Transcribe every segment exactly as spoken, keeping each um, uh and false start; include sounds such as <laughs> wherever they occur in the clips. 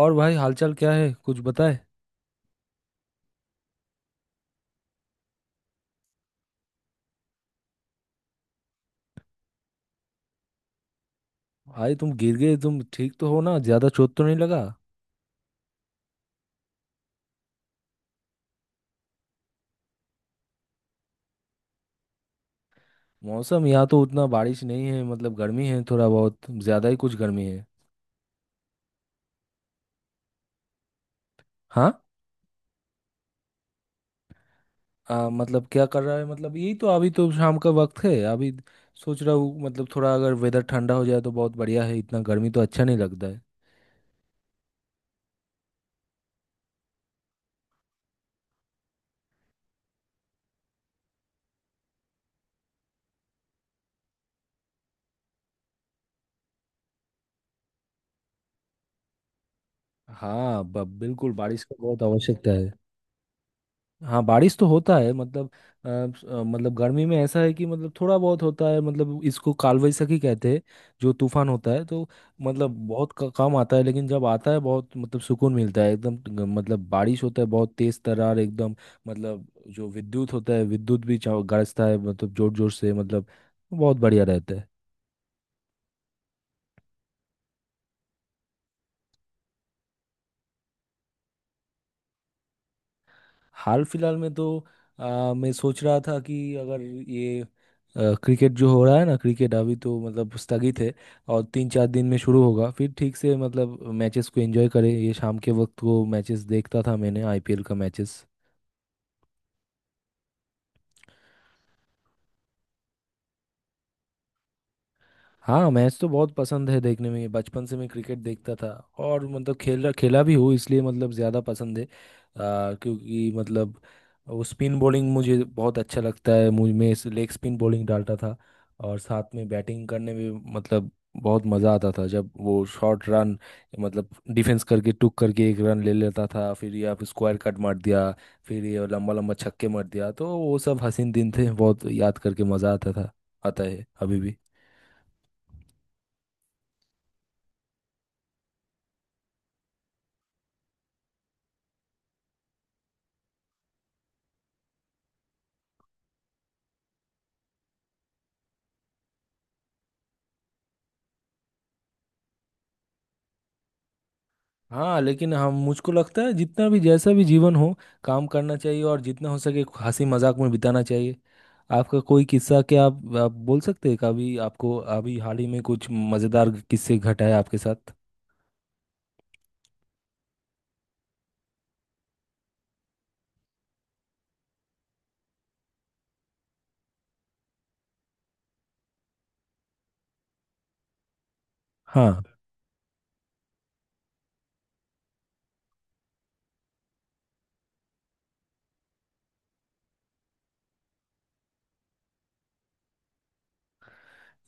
और भाई हालचाल क्या है, कुछ बताए? भाई तुम गिर गए, तुम ठीक तो हो ना? ज्यादा चोट तो नहीं लगा? मौसम यहाँ तो उतना बारिश नहीं है, मतलब गर्मी है, थोड़ा बहुत ज्यादा ही कुछ गर्मी है। हाँ। आ, मतलब क्या कर रहा है, मतलब यही तो, अभी तो शाम का वक्त है अभी। सोच रहा हूँ, मतलब थोड़ा अगर वेदर ठंडा हो जाए तो बहुत बढ़िया है, इतना गर्मी तो अच्छा नहीं लगता है। हाँ ब- बिल्कुल, बारिश का बहुत आवश्यकता है। हाँ, बारिश तो होता है, मतलब अ, स- अ, मतलब गर्मी में ऐसा है कि, मतलब थोड़ा बहुत होता है, मतलब इसको काल वैसाखी कहते हैं। जो तूफान होता है, तो मतलब बहुत क- कम आता है, लेकिन जब आता है बहुत, मतलब सुकून मिलता है एकदम, ग- मतलब बारिश होता है बहुत तेज तर्रार एकदम। मतलब जो विद्युत होता है, विद्युत भी चम- गरजता है, मतलब जोर जोर से, मतलब बहुत बढ़िया रहता है। हाल फिलहाल में तो अ, मैं सोच रहा था कि अगर ये अ, क्रिकेट जो हो रहा है ना, क्रिकेट अभी तो मतलब स्थगित है और तीन चार दिन में शुरू होगा, फिर ठीक से मतलब मैचेस को एंजॉय करें। ये शाम के वक्त को मैचेस देखता था मैंने, आईपीएल का मैचेस। हाँ, मैच तो बहुत पसंद है देखने में, बचपन से मैं क्रिकेट देखता था और मतलब खेला खेला भी हूँ, इसलिए मतलब ज़्यादा पसंद है, आ, क्योंकि मतलब वो स्पिन बॉलिंग मुझे बहुत अच्छा लगता है, मुझ मैं लेग स्पिन बॉलिंग डालता था। और साथ में बैटिंग करने में मतलब बहुत मज़ा आता था, जब वो शॉर्ट रन, मतलब डिफेंस करके टुक करके एक रन ले लेता था फिर, या फिर स्क्वायर कट मार दिया, फिर ये लंबा लंबा छक्के मार दिया, तो वो सब हसीन दिन थे, बहुत याद करके मज़ा आता था, आता है अभी भी। हाँ लेकिन, हम, मुझको लगता है जितना भी जैसा भी जीवन हो, काम करना चाहिए और जितना हो सके हंसी मजाक में बिताना चाहिए। आपका कोई किस्सा, क्या आप, आप बोल सकते हैं कभी? आपको अभी हाल ही में कुछ मजेदार किस्से घटा है आपके साथ? हाँ,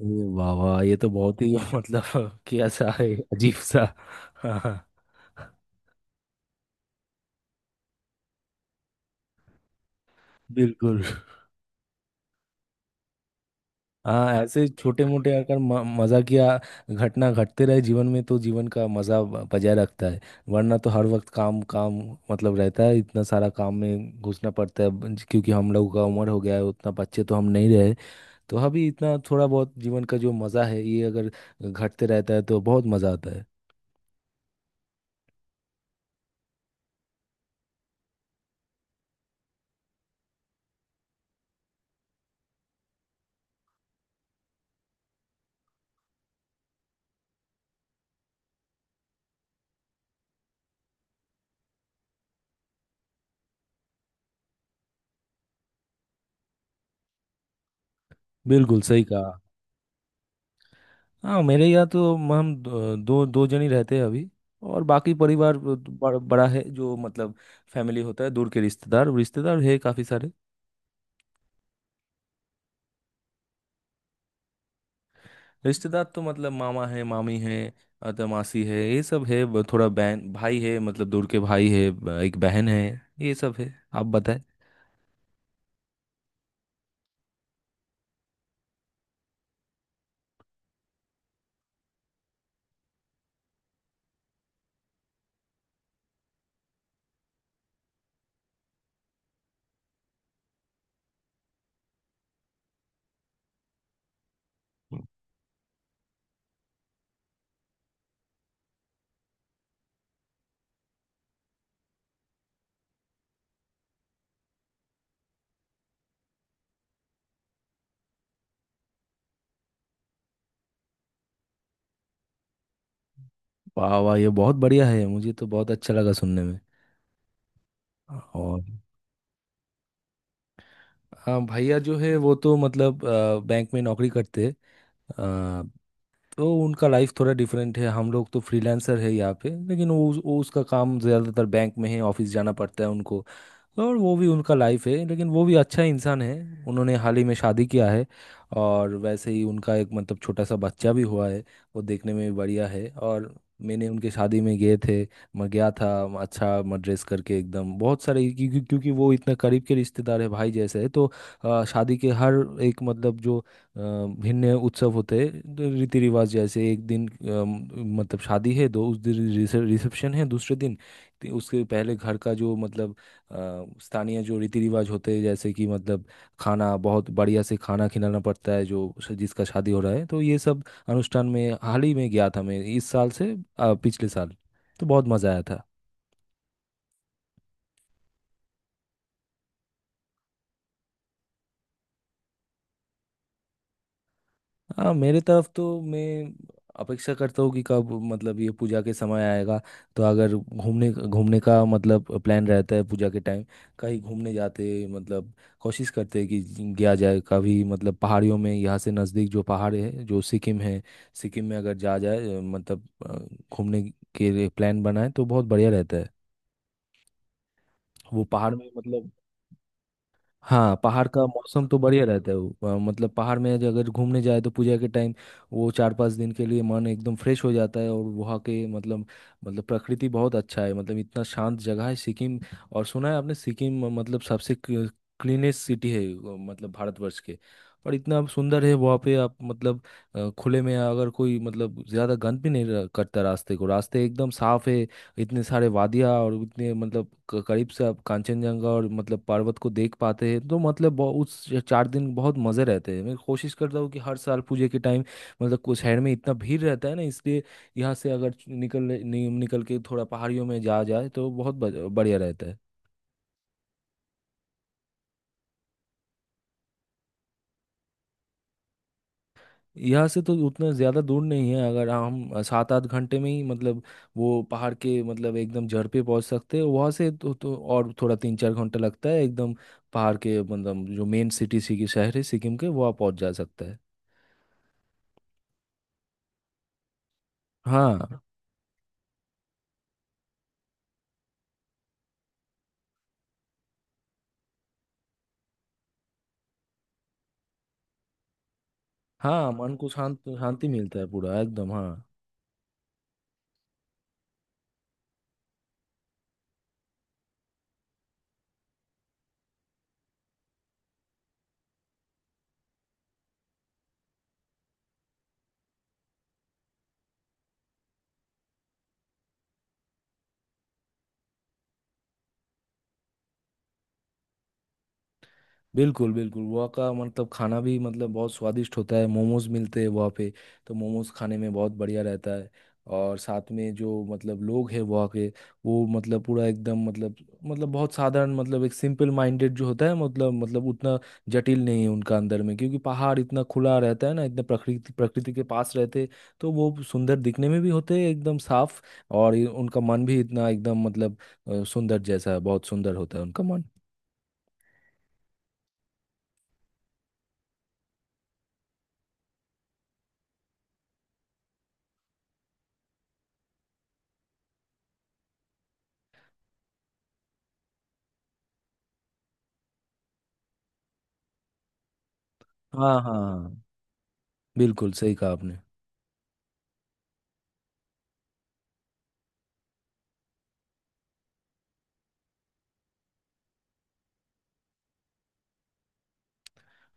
ये वाह वाह, ये तो बहुत ही <laughs> मतलब क्या सा है, अजीब सा। हाँ हाँ, बिल्कुल। हाँ, ऐसे छोटे मोटे अगर म- मजाकिया घटना घटते रहे जीवन में, तो जीवन का मजा ब- बजाय रखता है, वरना तो हर वक्त काम काम, मतलब रहता है, इतना सारा काम में घुसना पड़ता है ब- क्योंकि हम लोगों का उम्र हो गया है, उतना बच्चे तो हम नहीं रहे। तो अभी इतना थोड़ा बहुत जीवन का जो मजा है, ये अगर घटते रहता है तो बहुत मजा आता है। बिल्कुल सही कहा। हाँ, मेरे यहाँ तो म- हम दो दो दो जन ही रहते हैं अभी, और बाकी परिवार ब- बड़ा बड़ा है, जो मतलब फैमिली होता है, दूर के रिश्तेदार रिश्तेदार है काफी सारे। रिश्तेदार तो मतलब मामा है, मामी है, अ, तो मासी है, ये सब है, ब- थोड़ा बहन भाई है, मतलब दूर के भाई है, ब- एक बहन है, ये सब है। आप बताएं। वाह वाह, ये बहुत बढ़िया है, मुझे तो बहुत अच्छा लगा सुनने में। और हाँ, भैया जो है वो तो मतलब अ, बैंक में नौकरी करते हैं, तो उनका लाइफ थोड़ा डिफरेंट है, हम लोग तो फ्रीलांसर है यहाँ पे, लेकिन वो, वो उसका काम ज़्यादातर बैंक में है, ऑफिस जाना पड़ता है उनको, और वो भी उनका लाइफ है, लेकिन वो भी अच्छा इंसान है। उन्होंने हाल ही में शादी किया है, और वैसे ही उनका एक मतलब छोटा सा बच्चा भी हुआ है, वो देखने में भी बढ़िया है। और मैंने उनके शादी में गए थे, मैं गया था, अच्छा मैं ड्रेस करके एकदम बहुत सारे, क्योंकि क्योंकि वो इतना करीब के रिश्तेदार है, भाई जैसे है तो। अ, शादी के हर एक मतलब, जो अ, भिन्न उत्सव होते हैं तो रीति रिवाज, जैसे एक दिन, अम, मतलब शादी है, दो उस दिन रिसे- रिसेप्शन है दूसरे दिन, ति- उसके पहले घर का, जो मतलब अ, स्थानीय जो रीति रिवाज होते हैं, जैसे कि मतलब खाना बहुत बढ़िया से खाना खिलाना पड़ता है जो श- जिसका शादी हो रहा है, तो ये सब अनुष्ठान में हाल ही में गया था मैं, इस साल से अ, पिछले साल, तो बहुत मज़ा आया था। हाँ, मेरे तरफ तो मैं अपेक्षा करता हूँ कि कब मतलब ये पूजा के समय आएगा, तो अगर घूमने घूमने का मतलब प्लान रहता है पूजा के टाइम, कहीं घूमने जाते मतलब, कोशिश करते हैं कि गया जाए कभी, मतलब पहाड़ियों में, यहाँ से नज़दीक जो पहाड़ है, जो सिक्किम है। सिक्किम में अगर जा जाए, मतलब अ, घूमने के लिए प्लान बनाए तो बहुत बढ़िया रहता है वो पहाड़ में, मतलब। हाँ, पहाड़ का मौसम तो बढ़िया रहता है, वो, अ, मतलब पहाड़ में जो, अगर घूमने जाए तो पूजा के टाइम, वो चार पांच दिन के लिए मन एकदम फ्रेश हो जाता है, और वहाँ के मतलब, मतलब प्रकृति बहुत अच्छा है, मतलब इतना शांत जगह है सिक्किम। और सुना है आपने, सिक्किम मतलब सबसे क्लीनेस्ट सिटी है, अ, मतलब भारतवर्ष के। और इतना सुंदर है वहाँ पे, आप मतलब अ, खुले में अगर कोई मतलब ज़्यादा गंद भी नहीं र- करता, रास्ते को रास्ते एकदम साफ है, इतने सारे वादियाँ, और इतने मतलब क- करीब से आप कांचनजंगा, और मतलब पर्वत को देख पाते हैं, तो मतलब बहु- उस च- चार दिन बहुत मज़े रहते हैं। मैं कोशिश करता हूँ कि हर साल पूजे के टाइम, मतलब कुछ शहर में इतना भीड़ रहता है ना, इसलिए यहाँ से अगर निकल नि, निकल के थोड़ा पहाड़ियों में जा जाए तो बहुत ब- बढ़िया रहता है। यहाँ से तो उतना ज़्यादा दूर नहीं है, अगर हम सात आठ घंटे में ही मतलब वो पहाड़ के मतलब एकदम जड़ पे पहुँच सकते हैं, वहाँ से तो, तो और थोड़ा तीन चार घंटा लगता है, एकदम पहाड़ के मतलब जो मेन सिटी सिकी शहर है सिक्किम के, वहाँ पहुँच जा सकता है। हाँ हाँ, मन को शांत, शांति मिलता है पूरा एकदम, हाँ। बिल्कुल बिल्कुल, वहाँ का मतलब खाना भी मतलब बहुत स्वादिष्ट होता है, मोमोज मिलते हैं वहाँ पे, तो मोमोज खाने में बहुत बढ़िया रहता है। और साथ में जो मतलब लोग हैं वहाँ के, वो मतलब पूरा एकदम मतलब, मतलब बहुत साधारण, मतलब एक सिंपल माइंडेड जो होता है, मतलब मतलब उतना जटिल नहीं है उनका अंदर में, क्योंकि पहाड़ इतना खुला रहता है ना, इतना प्रकृति प्रकृति के पास रहते, तो वो सुंदर दिखने में भी होते हैं एकदम साफ, और ये- उनका मन भी इतना एकदम मतलब अ, सुंदर जैसा, बहुत सुंदर होता है उनका मन। हाँ हाँ, बिल्कुल सही कहा आपने।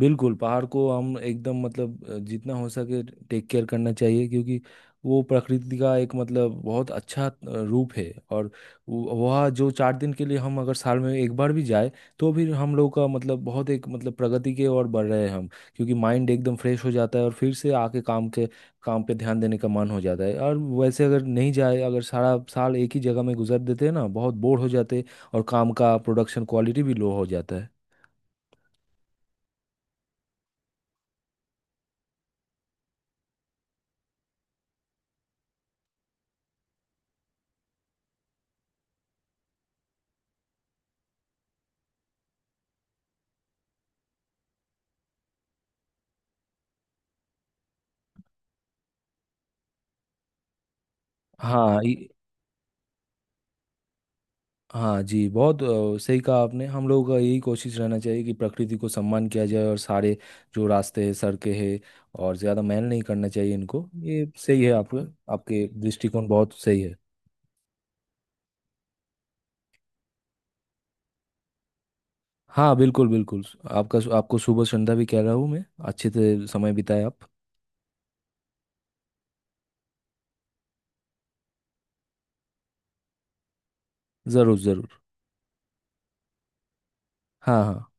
बिल्कुल, पहाड़ को हम एकदम मतलब अ, जितना हो सके टेक केयर करना चाहिए, क्योंकि वो प्रकृति का एक मतलब बहुत अच्छा अ, रूप है। और वो- वह जो चार दिन के लिए हम अगर साल में एक बार भी जाए, तो भी हम लोग का मतलब बहुत एक मतलब प्रगति के ओर बढ़ रहे हैं हम, क्योंकि माइंड एकदम फ्रेश हो जाता है, और फिर से आके काम के काम पे ध्यान देने का मन हो जाता है। और वैसे अगर नहीं जाए, अगर सारा साल एक ही जगह में गुजार देते हैं ना, बहुत बोर हो जाते हैं, और काम का प्रोडक्शन क्वालिटी भी लो हो जाता है। हाँ ये- हाँ जी, बहुत अ, सही कहा आपने, हम लोगों का यही कोशिश रहना चाहिए कि प्रकृति को सम्मान किया जाए, और सारे जो रास्ते हैं, सड़कें हैं, और ज़्यादा मैल नहीं करना चाहिए इनको, ये सही है, आपके आपके दृष्टिकोण बहुत सही है। हाँ बिल्कुल बिल्कुल। आपका आपको शुभ संध्या भी कह रहा हूँ मैं, अच्छे से समय बिताए आप। ज़रूर ज़रूर। हाँ हाँ।